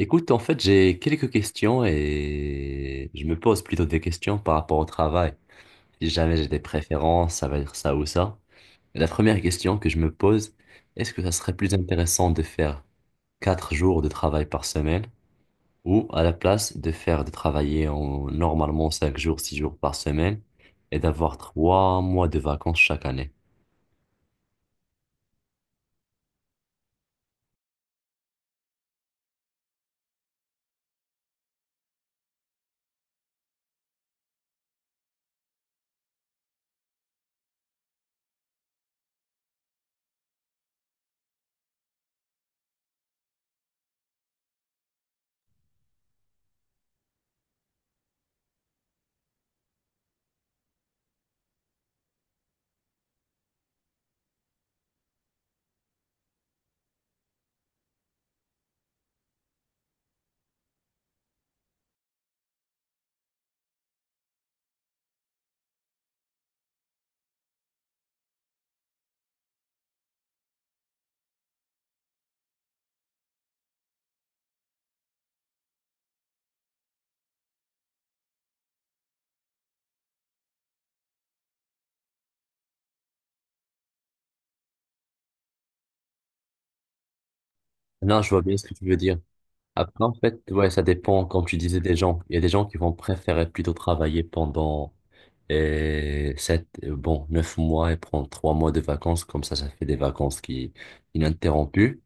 Écoute, en fait, j'ai quelques questions et je me pose plutôt des questions par rapport au travail. Si jamais j'ai des préférences, ça va dire ça ou ça. Et la première question que je me pose, est-ce que ça serait plus intéressant de faire 4 jours de travail par semaine ou à la place de faire de travailler en, normalement 5 jours, 6 jours par semaine et d'avoir 3 mois de vacances chaque année? Non, je vois bien ce que tu veux dire. Après, en fait, ouais, ça dépend, comme tu disais, des gens. Il y a des gens qui vont préférer plutôt travailler pendant. Et 9 mois et prendre 3 mois de vacances, comme ça fait des vacances qui ininterrompues.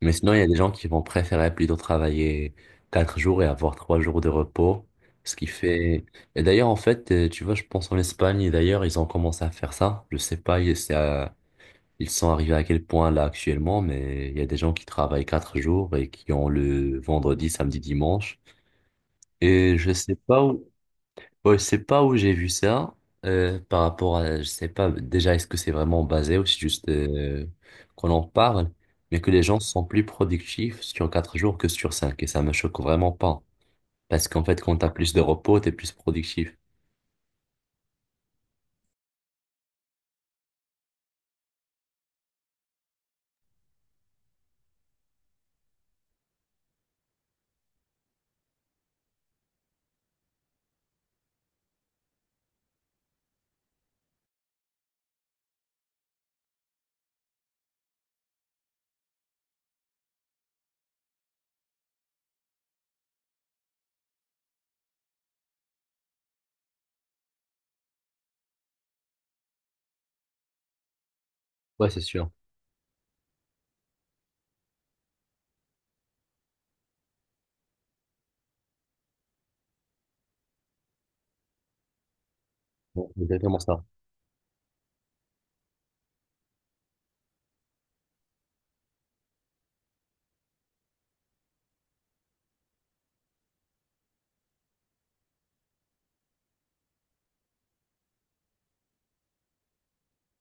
Mais sinon, il y a des gens qui vont préférer plutôt travailler 4 jours et avoir 3 jours de repos, ce qui fait. Et d'ailleurs, en fait, tu vois, je pense en Espagne, et d'ailleurs, ils ont commencé à faire ça. Je sais pas, ils sont arrivés à quel point là actuellement, mais il y a des gens qui travaillent 4 jours et qui ont le vendredi, samedi, dimanche. Et je sais pas où. Ouais, je sais pas où j'ai vu ça par rapport à, je sais pas déjà est-ce que c'est vraiment basé ou c'est juste qu'on en parle, mais que les gens sont plus productifs sur 4 jours que sur cinq et ça me choque vraiment pas parce qu'en fait quand t'as plus de repos t'es plus productif. Ouais, c'est sûr. Bon, c'est exactement ça.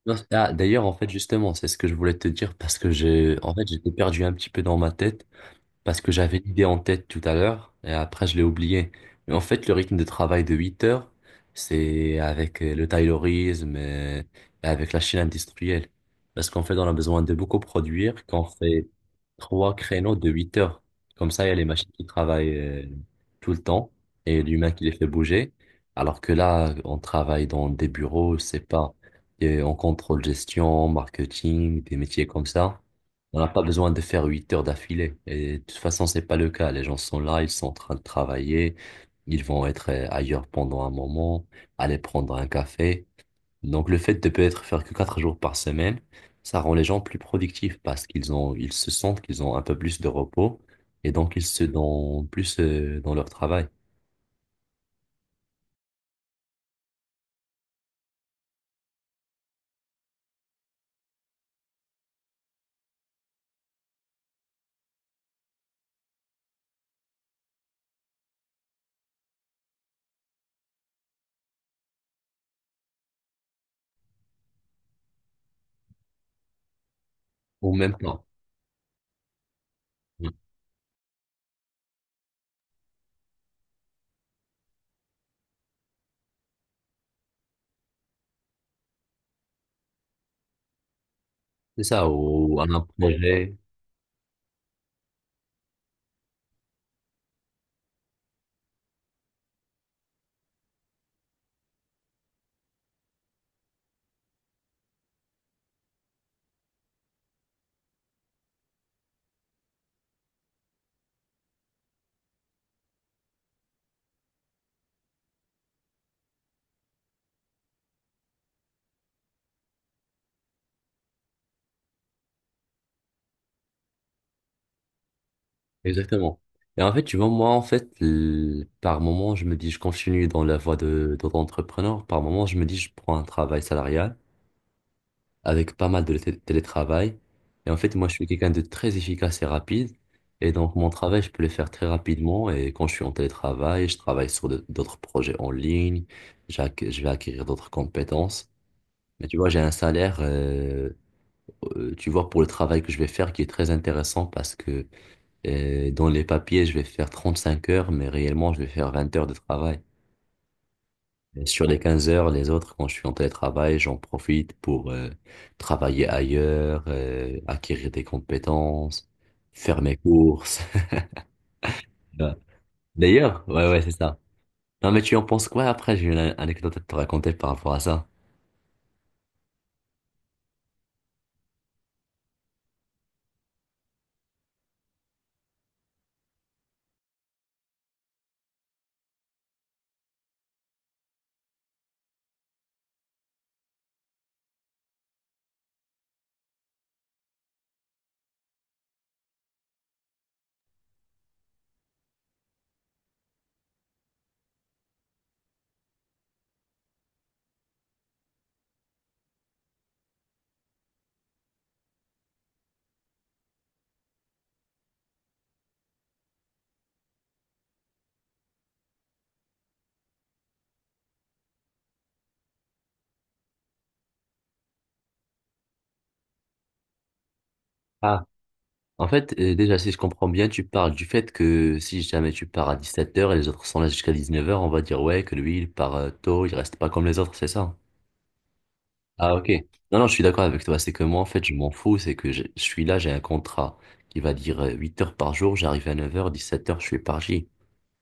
Non, ah, d'ailleurs en fait justement c'est ce que je voulais te dire parce que j'ai en fait j'étais perdu un petit peu dans ma tête parce que j'avais l'idée en tête tout à l'heure et après je l'ai oublié. Mais en fait, le rythme de travail de 8 heures, c'est avec le taylorisme et avec la chaîne industrielle. Parce qu'en fait, on a besoin de beaucoup produire quand on fait trois créneaux de 8 heures. Comme ça, il y a les machines qui travaillent tout le temps et l'humain qui les fait bouger. Alors que là, on travaille dans des bureaux, c'est pas, et on contrôle gestion, marketing, des métiers comme ça. On n'a pas besoin de faire 8 heures d'affilée. Et de toute façon, c'est pas le cas. Les gens sont là, ils sont en train de travailler. Ils vont être ailleurs pendant un moment, aller prendre un café. Donc, le fait de peut-être faire que 4 jours par semaine, ça rend les gens plus productifs parce qu'ils ont, ils se sentent qu'ils ont un peu plus de repos et donc ils se donnent plus dans leur travail. Au même temps. C'est ça, ou à un projet. Exactement. Et en fait, tu vois, moi, en fait, par moment, je me dis, je continue dans la voie de l'entrepreneur. Par moment, je me dis, je prends un travail salarial avec pas mal de télétravail. Et en fait, moi, je suis quelqu'un de très efficace et rapide. Et donc, mon travail, je peux le faire très rapidement. Et quand je suis en télétravail, je travaille sur d'autres projets en ligne. Je vais acquérir d'autres compétences. Mais tu vois, j'ai un salaire, tu vois, pour le travail que je vais faire qui est très intéressant parce que et dans les papiers, je vais faire 35 heures, mais réellement, je vais faire 20 heures de travail. Et sur les 15 heures, les autres, quand je suis en télétravail, j'en profite pour travailler ailleurs, acquérir des compétences, faire mes courses. Ouais. D'ailleurs, ouais, ouais, c'est ça. Non, mais tu en penses quoi après? J'ai une anecdote à te raconter par rapport à ça. Ah, en fait, déjà, si je comprends bien, tu parles du fait que si jamais tu pars à 17h et les autres sont là jusqu'à 19h, on va dire, ouais, que lui, il part tôt, il reste pas comme les autres, c'est ça? Ah, ok. Non, non, je suis d'accord avec toi. C'est que moi, en fait, je m'en fous. C'est que je suis là, j'ai un contrat qui va dire 8 heures par jour, j'arrive à 9h, 17h, je suis parti.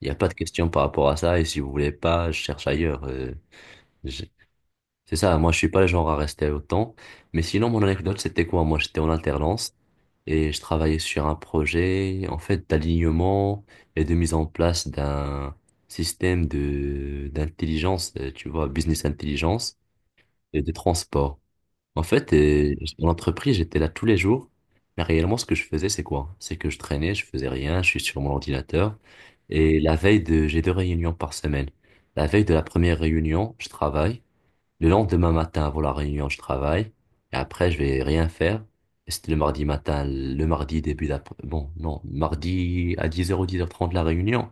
Il n'y a pas de question par rapport à ça. Et si vous voulez pas, je cherche ailleurs. Je- C'est ça, moi, je suis pas le genre à rester autant. Mais sinon, mon anecdote, c'était quoi? Moi, j'étais en alternance et je travaillais sur un projet, en fait, d'alignement et de mise en place d'un système de d'intelligence, tu vois, business intelligence et de transport. En fait, en entreprise, j'étais là tous les jours. Mais réellement, ce que je faisais, c'est quoi? C'est que je traînais, je faisais rien, je suis sur mon ordinateur. Et la veille de, j'ai deux réunions par semaine. La veille de la première réunion, je travaille. Le lendemain matin, avant la réunion, je travaille. Et après, je vais rien faire. Et c'était le mardi matin, le mardi début d'après. Bon, non, mardi à 10h ou 10h30 la réunion.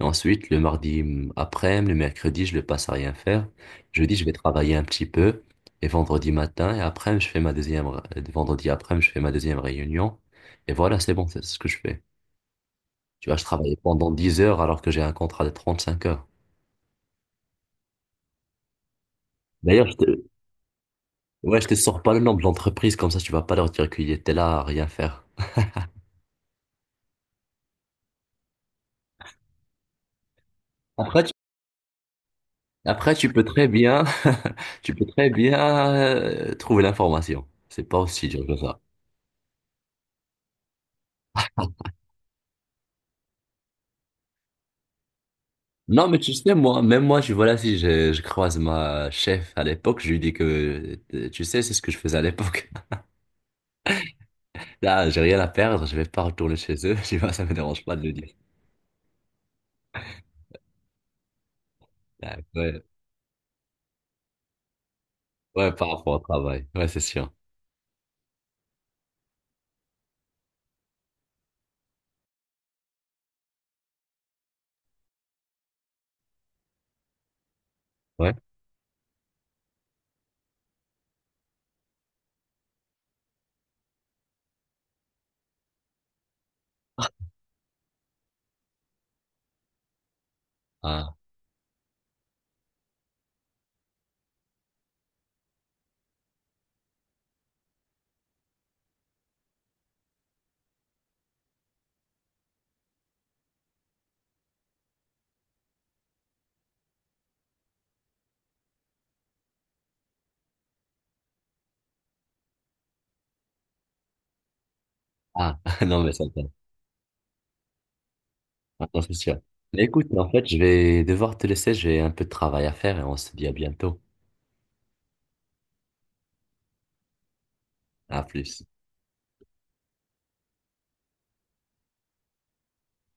Et ensuite, le mardi après, le mercredi, je le passe à rien faire. Jeudi, je vais travailler un petit peu. Et vendredi matin, et après, je fais ma deuxième, vendredi après, je fais ma deuxième réunion. Et voilà, c'est bon, c'est ce que je fais. Tu vois, je travaille pendant 10 heures alors que j'ai un contrat de 35 heures. D'ailleurs, ouais, je te sors pas le nom de l'entreprise, comme ça tu vas pas leur dire qu'il était là à rien faire. Après, tu, après, tu peux très bien, tu peux très bien trouver l'information. C'est pas aussi dur que ça. Non, mais tu sais, moi, même moi, je, voilà, si je croise ma chef à l'époque, je lui dis que, tu sais, c'est ce que je faisais à l'époque. Là, j'ai rien à perdre, je vais pas retourner chez eux, tu vois, ça me dérange pas de le dire. Ouais, ouais, ouais, par rapport au travail. Ouais, c'est sûr. Ouais. Ah, ah, non, mais ça, ah, non, c'est sûr. Mais écoute, en fait, je vais devoir te laisser, j'ai un peu de travail à faire et on se dit à bientôt. À plus.